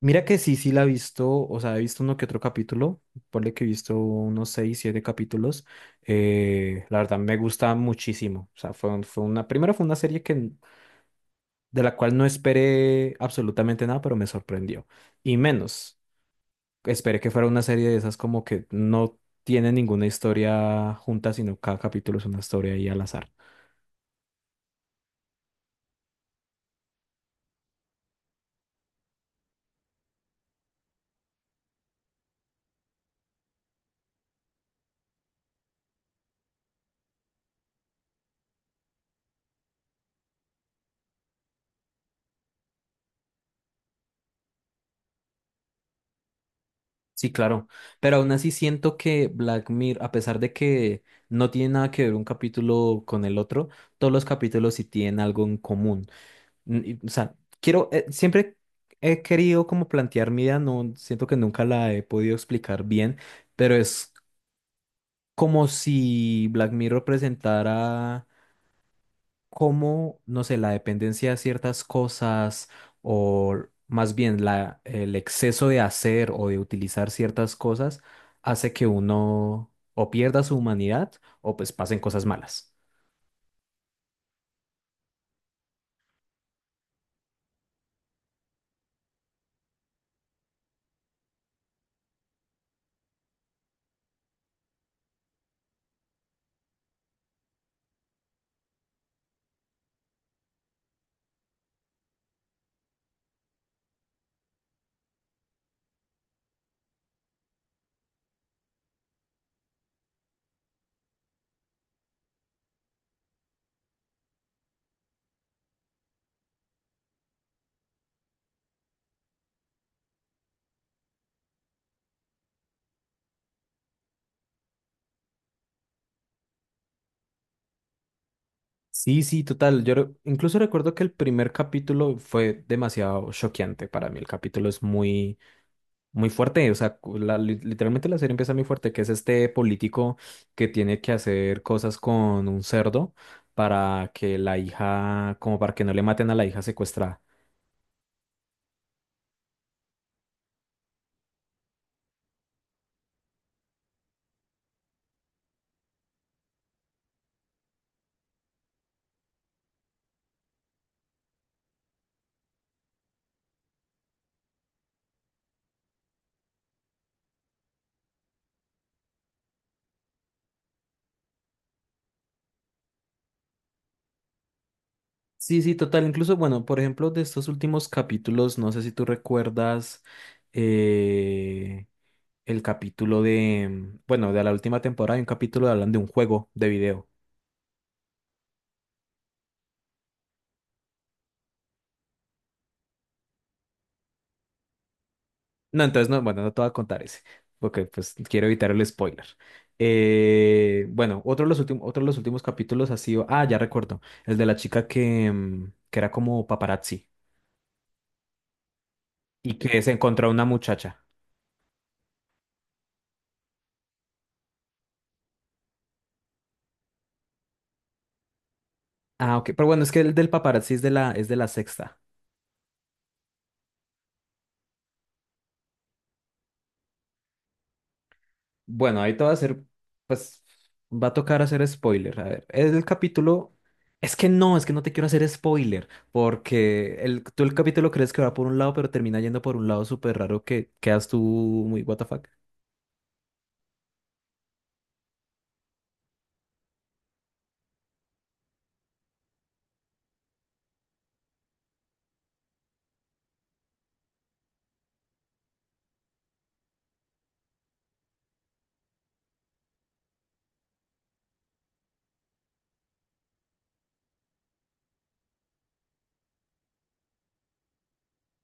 Mira que sí, sí la he visto. O sea, he visto uno que otro capítulo, ponle que he visto unos seis, siete capítulos. La verdad me gusta muchísimo. O sea, fue, un- fue una, primero fue una serie que, de la cual no esperé absolutamente nada, pero me sorprendió, y menos, esperé que fuera una serie de esas como que no tiene ninguna historia junta, sino cada capítulo es una historia ahí al azar. Sí, claro, pero aún así siento que Black Mirror, a pesar de que no tiene nada que ver un capítulo con el otro, todos los capítulos sí tienen algo en común. Y, o sea, siempre he querido como plantear mi idea. No siento que nunca la he podido explicar bien, pero es como si Black Mirror presentara cómo, no sé, la dependencia de ciertas cosas, o más bien la, el exceso de hacer o de utilizar ciertas cosas hace que uno o pierda su humanidad o pues pasen cosas malas. Sí, sí, total. Incluso recuerdo que el primer capítulo fue demasiado choqueante para mí. El capítulo es muy muy fuerte. O sea, literalmente la serie empieza muy fuerte, que es este político que tiene que hacer cosas con un cerdo para que la hija, como para que no le maten a la hija secuestrada. Sí, sí, total. Incluso, bueno, por ejemplo, de estos últimos capítulos, no sé si tú recuerdas, eh, el capítulo de, bueno, de la última temporada, hay un capítulo de hablan de un juego de video. No, entonces no, bueno, no te voy a contar ese, porque pues quiero evitar el spoiler. Bueno, otro de los últimos, otro de los últimos capítulos ha sido, ah, ya recuerdo, el de la chica que, que era como paparazzi y que se encontró a una muchacha. Ah, ok, pero bueno, es que el del paparazzi es de la sexta. Bueno, ahí te va a hacer, pues va a tocar hacer spoiler. A ver, el capítulo, es que no te quiero hacer spoiler, porque el, tú el capítulo crees que va por un lado, pero termina yendo por un lado súper raro que quedas tú muy what the fuck.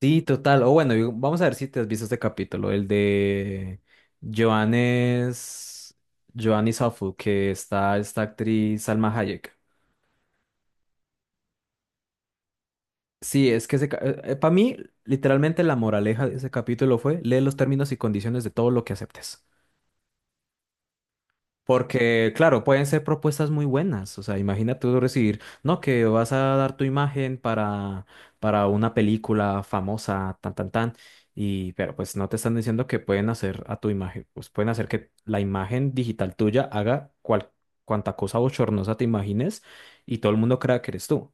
Sí, total. O bueno, vamos a ver si te has visto este capítulo, el de Johannes, Johanny Safu, que está esta actriz Salma Hayek. Sí, es que para mí, literalmente la moraleja de ese capítulo fue, lee los términos y condiciones de todo lo que aceptes. Porque, claro, pueden ser propuestas muy buenas. O sea, imagínate tú recibir, no, que vas a dar tu imagen para una película famosa, tan, tan, tan. Y, pero pues no te están diciendo que pueden hacer a tu imagen, pues pueden hacer que la imagen digital tuya haga cuanta cosa bochornosa te imagines y todo el mundo crea que eres tú.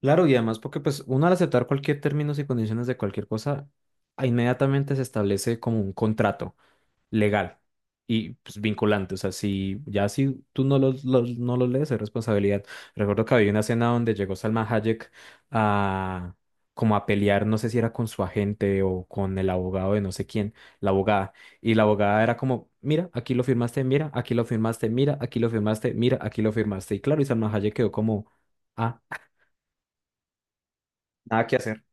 Claro, y además porque pues uno al aceptar cualquier términos y condiciones de cualquier cosa, inmediatamente se establece como un contrato legal y pues vinculante. O sea, si ya si tú no los lees, es responsabilidad. Recuerdo que había una escena donde llegó Salma Hayek a como a pelear, no sé si era con su agente o con el abogado de no sé quién, la abogada. Y la abogada era como, mira, aquí lo firmaste, mira, aquí lo firmaste, mira, aquí lo firmaste, mira, aquí lo firmaste. Y claro, y Salma Hayek quedó como, ah, nada que hacer.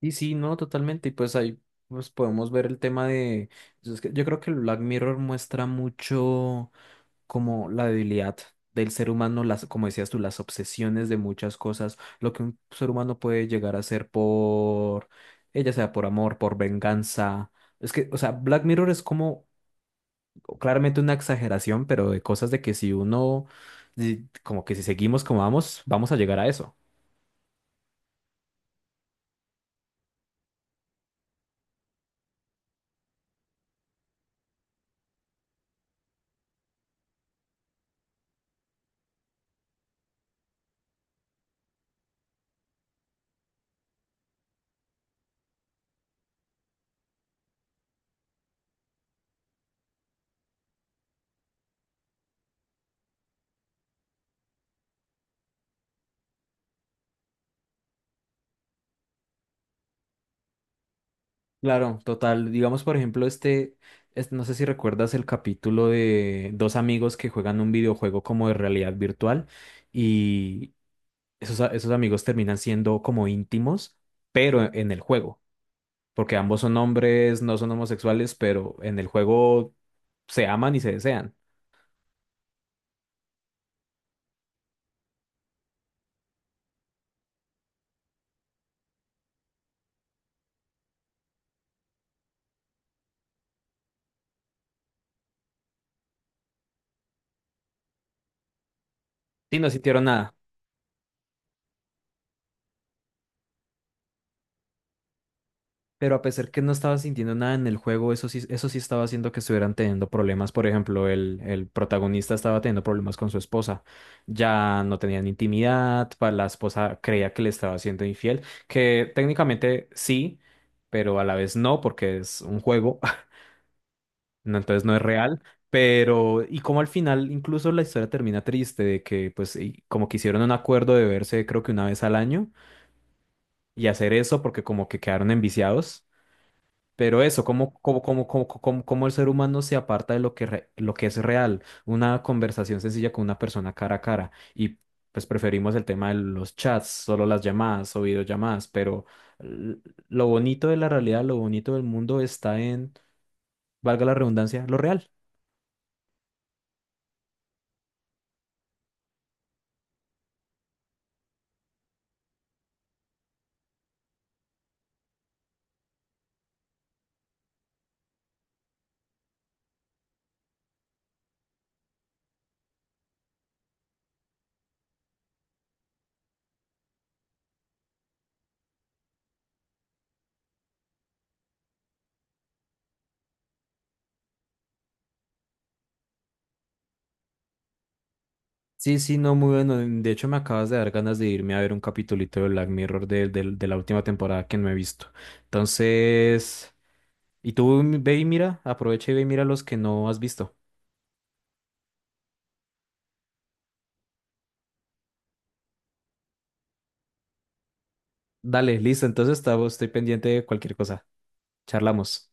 Y sí, no, totalmente. Y pues ahí pues podemos ver el tema de, pues, es que yo creo que el Black Mirror muestra mucho como la debilidad del ser humano, las, como decías tú, las obsesiones de muchas cosas, lo que un ser humano puede llegar a hacer por, ella sea por amor, por venganza. Es que, o sea, Black Mirror es como claramente una exageración, pero de cosas de que si uno, como que si seguimos como vamos, vamos a llegar a eso. Claro, total. Digamos, por ejemplo, este, no sé si recuerdas el capítulo de dos amigos que juegan un videojuego como de realidad virtual, y esos amigos terminan siendo como íntimos, pero e, en el juego, porque ambos son hombres, no son homosexuales, pero en el juego se aman y se desean. Sí, no sintieron nada, pero a pesar que no estaba sintiendo nada en el juego, eso sí estaba haciendo que estuvieran teniendo problemas. Por ejemplo, el protagonista estaba teniendo problemas con su esposa, ya no tenían intimidad, la esposa creía que le estaba siendo infiel, que técnicamente sí, pero a la vez no, porque es un juego. No, entonces no es real, pero y como al final incluso la historia termina triste de que pues y como que hicieron un acuerdo de verse creo que una vez al año y hacer eso porque como que quedaron enviciados, pero eso, como el ser humano se aparta de lo que lo que es real, una conversación sencilla con una persona cara a cara. Y pues preferimos el tema de los chats, solo las llamadas o videollamadas, pero l- lo bonito de la realidad, lo bonito del mundo está en, valga la redundancia, lo real. Sí, sí, no, muy bueno. De hecho, me acabas de dar ganas de irme a ver un capitulito de Black Mirror de la última temporada que no he visto. Entonces, y tú ve y mira, aprovecha y ve y mira los que no has visto. Dale, listo. Entonces, estoy pendiente de cualquier cosa. Charlamos.